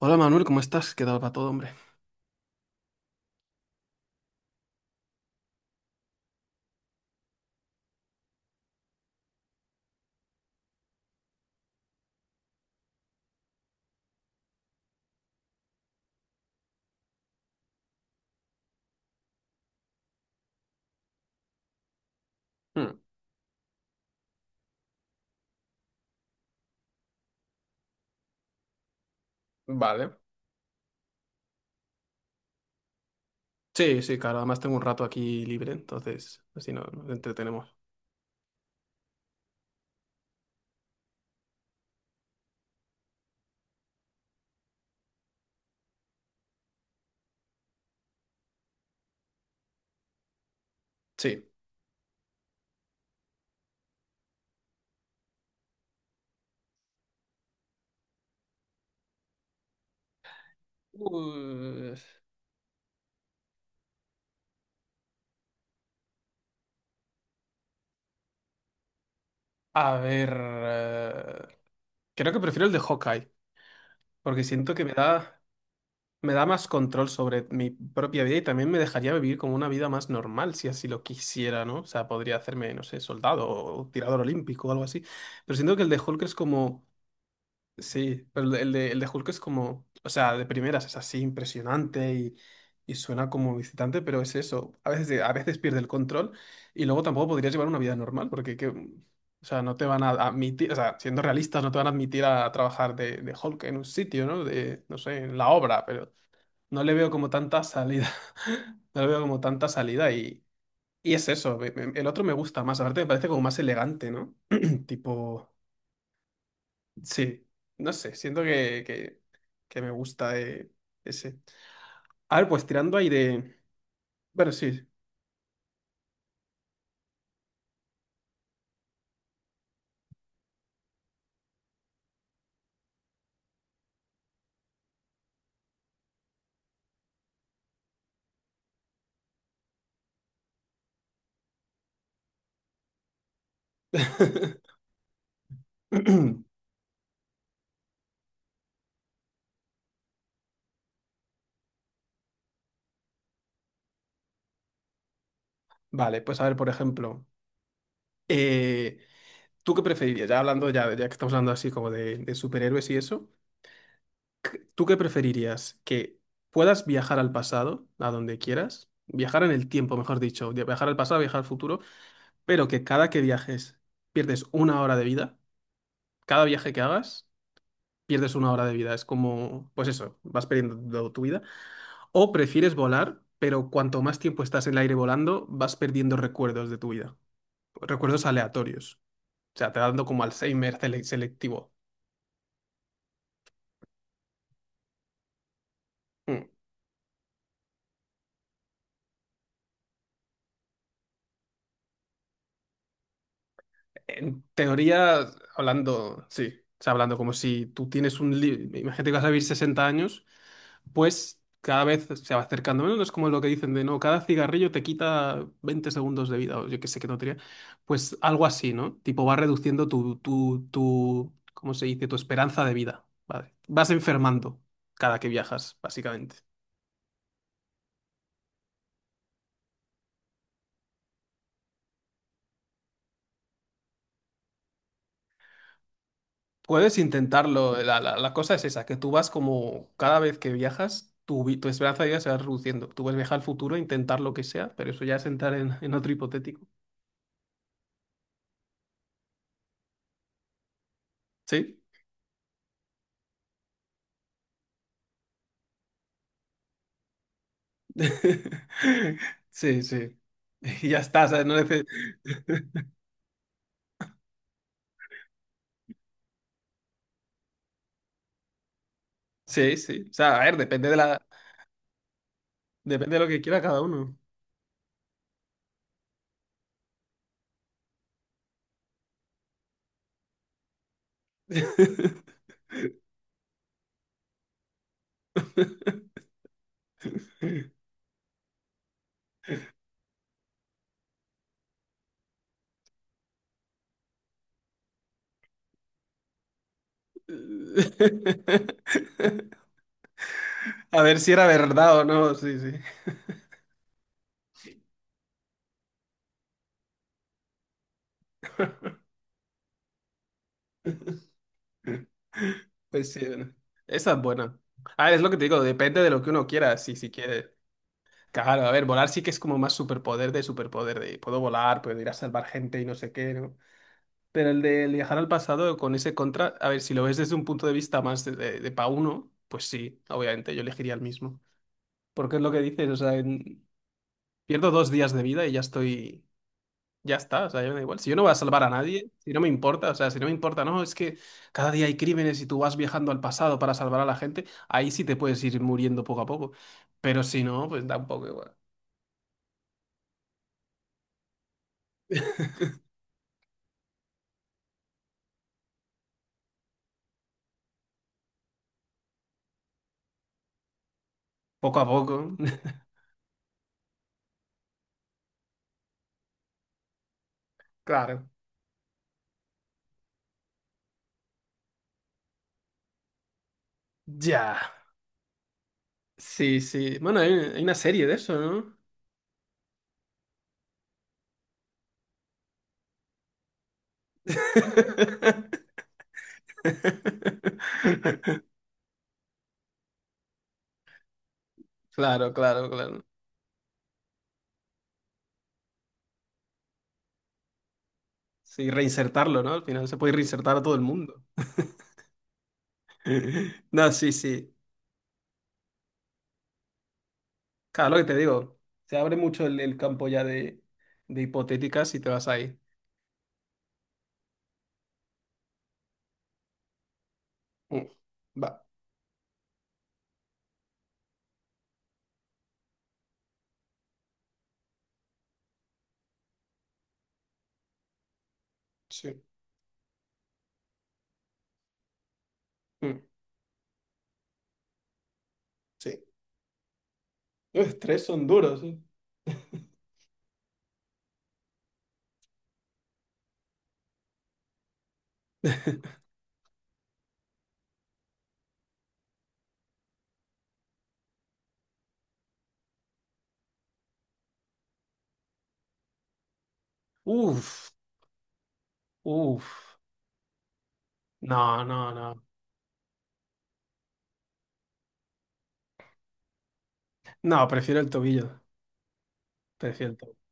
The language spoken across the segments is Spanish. Hola Manuel, ¿cómo estás? ¿Qué tal va todo, hombre? Hmm. Vale. Sí, sí, claro, además tengo un rato aquí libre, entonces así nos entretenemos. Sí. Uh, a ver, creo que prefiero el de Hawkeye, porque siento que me da más control sobre mi propia vida y también me dejaría vivir como una vida más normal, si así lo quisiera, ¿no? O sea, podría hacerme, no sé, soldado o tirador olímpico o algo así, pero siento que el de Hulk es como... Sí, pero el de Hulk es como, o sea, de primeras es así impresionante y suena como visitante, pero es eso. A veces pierde el control y luego tampoco podrías llevar una vida normal, porque que, o sea, no te van a admitir, o sea, siendo realistas, no te van a admitir a trabajar de Hulk en un sitio, ¿no? De, no sé, en la obra, pero no le veo como tanta salida. No le veo como tanta salida y es eso. El otro me gusta más, aparte me parece como más elegante, ¿no? Tipo. Sí, no sé, siento que me gusta ese. A ver, pues tirando ahí de... Bueno, sí. Vale, pues a ver, por ejemplo, eh, ¿tú qué preferirías? Ya hablando, ya, ya que estamos hablando así como de superhéroes y eso, ¿tú qué preferirías? ¿Que puedas viajar al pasado, a donde quieras? Viajar en el tiempo, mejor dicho, viajar al pasado, viajar al futuro, pero que cada que viajes pierdes una hora de vida, cada viaje que hagas pierdes una hora de vida. Es como, pues eso, vas perdiendo tu vida. O prefieres volar, pero cuanto más tiempo estás en el aire volando, vas perdiendo recuerdos de tu vida. Recuerdos aleatorios. O sea, te va dando como Alzheimer selectivo. Mm. En teoría, hablando, sí, o sea, hablando como si tú tienes Imagínate que vas a vivir 60 años, pues cada vez se va acercando menos, es como lo que dicen de no, cada cigarrillo te quita 20 segundos de vida, o yo que sé qué tontería, pues algo así, ¿no? Tipo, va reduciendo tu, ¿cómo se dice? Tu esperanza de vida, ¿vale? Vas enfermando cada que viajas, básicamente. Puedes intentarlo, la cosa es esa, que tú vas como cada vez que viajas, tu esperanza de vida se va reduciendo. Tú puedes viajar al futuro, intentar lo que sea, pero eso ya es entrar en otro hipotético. ¿Sí? Sí, sí. Y ya está, ¿sabes? No neces- Sí, sí. O sea, a ver, depende de la... Depende de lo que quiera cada uno. A ver si era verdad o no, sí, sí. Pues sí, bueno. Esa es buena. A ver, es lo que te digo, depende de lo que uno quiera, si, si quiere. Claro, a ver, volar sí que es como más superpoder, de puedo volar, puedo ir a salvar gente y no sé qué, ¿no? Pero el de viajar al pasado con ese contra, a ver, si lo ves desde un punto de vista más de pa' uno, pues sí, obviamente yo elegiría el mismo. Porque es lo que dices, o sea, pierdo dos días de vida y ya estoy, ya está, o sea, ya me da igual. Si yo no voy a salvar a nadie, si no me importa, o sea, si no me importa, no, es que cada día hay crímenes y tú vas viajando al pasado para salvar a la gente, ahí sí te puedes ir muriendo poco a poco. Pero si no, pues tampoco igual. Poco a poco. Claro. Ya. Sí, sí. Bueno, hay una serie de eso, ¿no? Claro, claro, claro. Sí, reinsertarlo, ¿no? Al final se puede reinsertar a todo el mundo. No, sí, sí. Claro, lo que te digo. Se abre mucho el campo ya de hipotéticas y te vas ahí. Mm. Va. Sí. Mm. Sí. Los tres son duros, sí. Uf, uf. No, no, no. No, prefiero el tobillo. Prefiero el tobillo.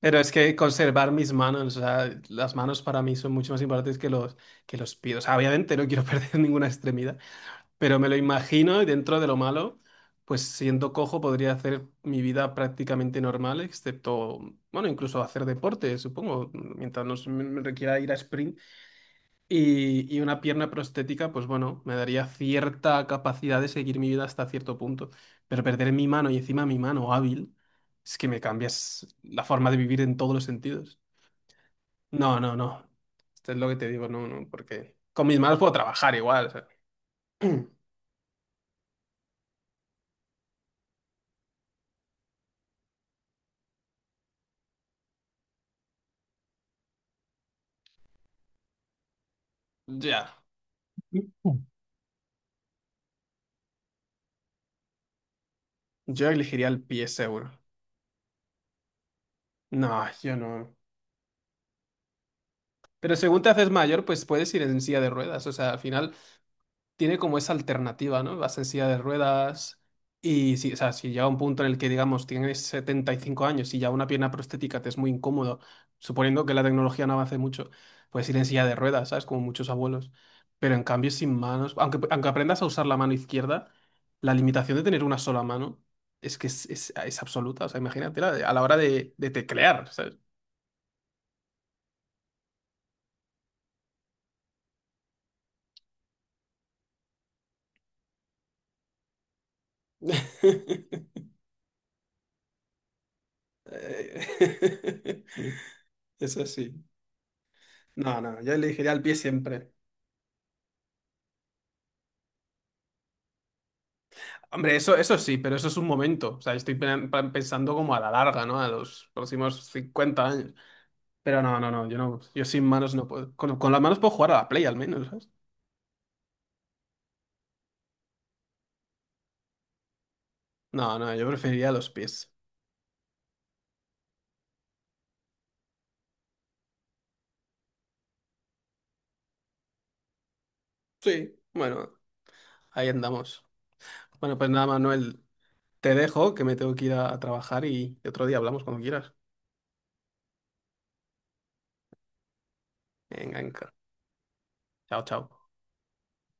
Pero es que conservar mis manos, o sea, las manos para mí son mucho más importantes que los pies. O sea, obviamente no quiero perder ninguna extremidad, pero me lo imagino y dentro de lo malo, pues siendo cojo podría hacer mi vida prácticamente normal, excepto, bueno, incluso hacer deporte, supongo, mientras no se me requiera ir a sprint y una pierna prostética, pues bueno, me daría cierta capacidad de seguir mi vida hasta cierto punto. Pero perder mi mano y encima mi mano hábil, es que me cambias la forma de vivir en todos los sentidos. No, no, no. Esto es lo que te digo, no, no, porque con mis manos puedo trabajar igual. O sea, ya. Yo elegiría el pie seguro. No, yo no. Pero según te haces mayor, pues puedes ir en silla de ruedas. O sea, al final tiene como esa alternativa, ¿no? Vas en silla de ruedas y si, o sea, si llega un punto en el que, digamos, tienes 75 años y ya una pierna prostética te es muy incómodo, suponiendo que la tecnología no avance mucho, puedes ir en silla de ruedas, ¿sabes? Como muchos abuelos. Pero en cambio, sin manos, aunque, aunque aprendas a usar la mano izquierda, la limitación de tener una sola mano es que es, es absoluta. O sea, imagínate ¿no? a la hora de teclear, ¿sabes? Eh. Eso sí. No, no, yo elegiría el pie siempre. Hombre, eso sí, pero eso es un momento. O sea, estoy pensando como a la larga, ¿no? A los próximos 50 años. Pero no, no, no, yo no, yo sin manos no puedo. Con las manos puedo jugar a la Play al menos, ¿sabes? No, no, yo preferiría los pies. Sí, bueno, ahí andamos. Bueno, pues nada, Manuel, te dejo, que me tengo que ir a trabajar y otro día hablamos cuando quieras. Venga, venga. Chao, chao.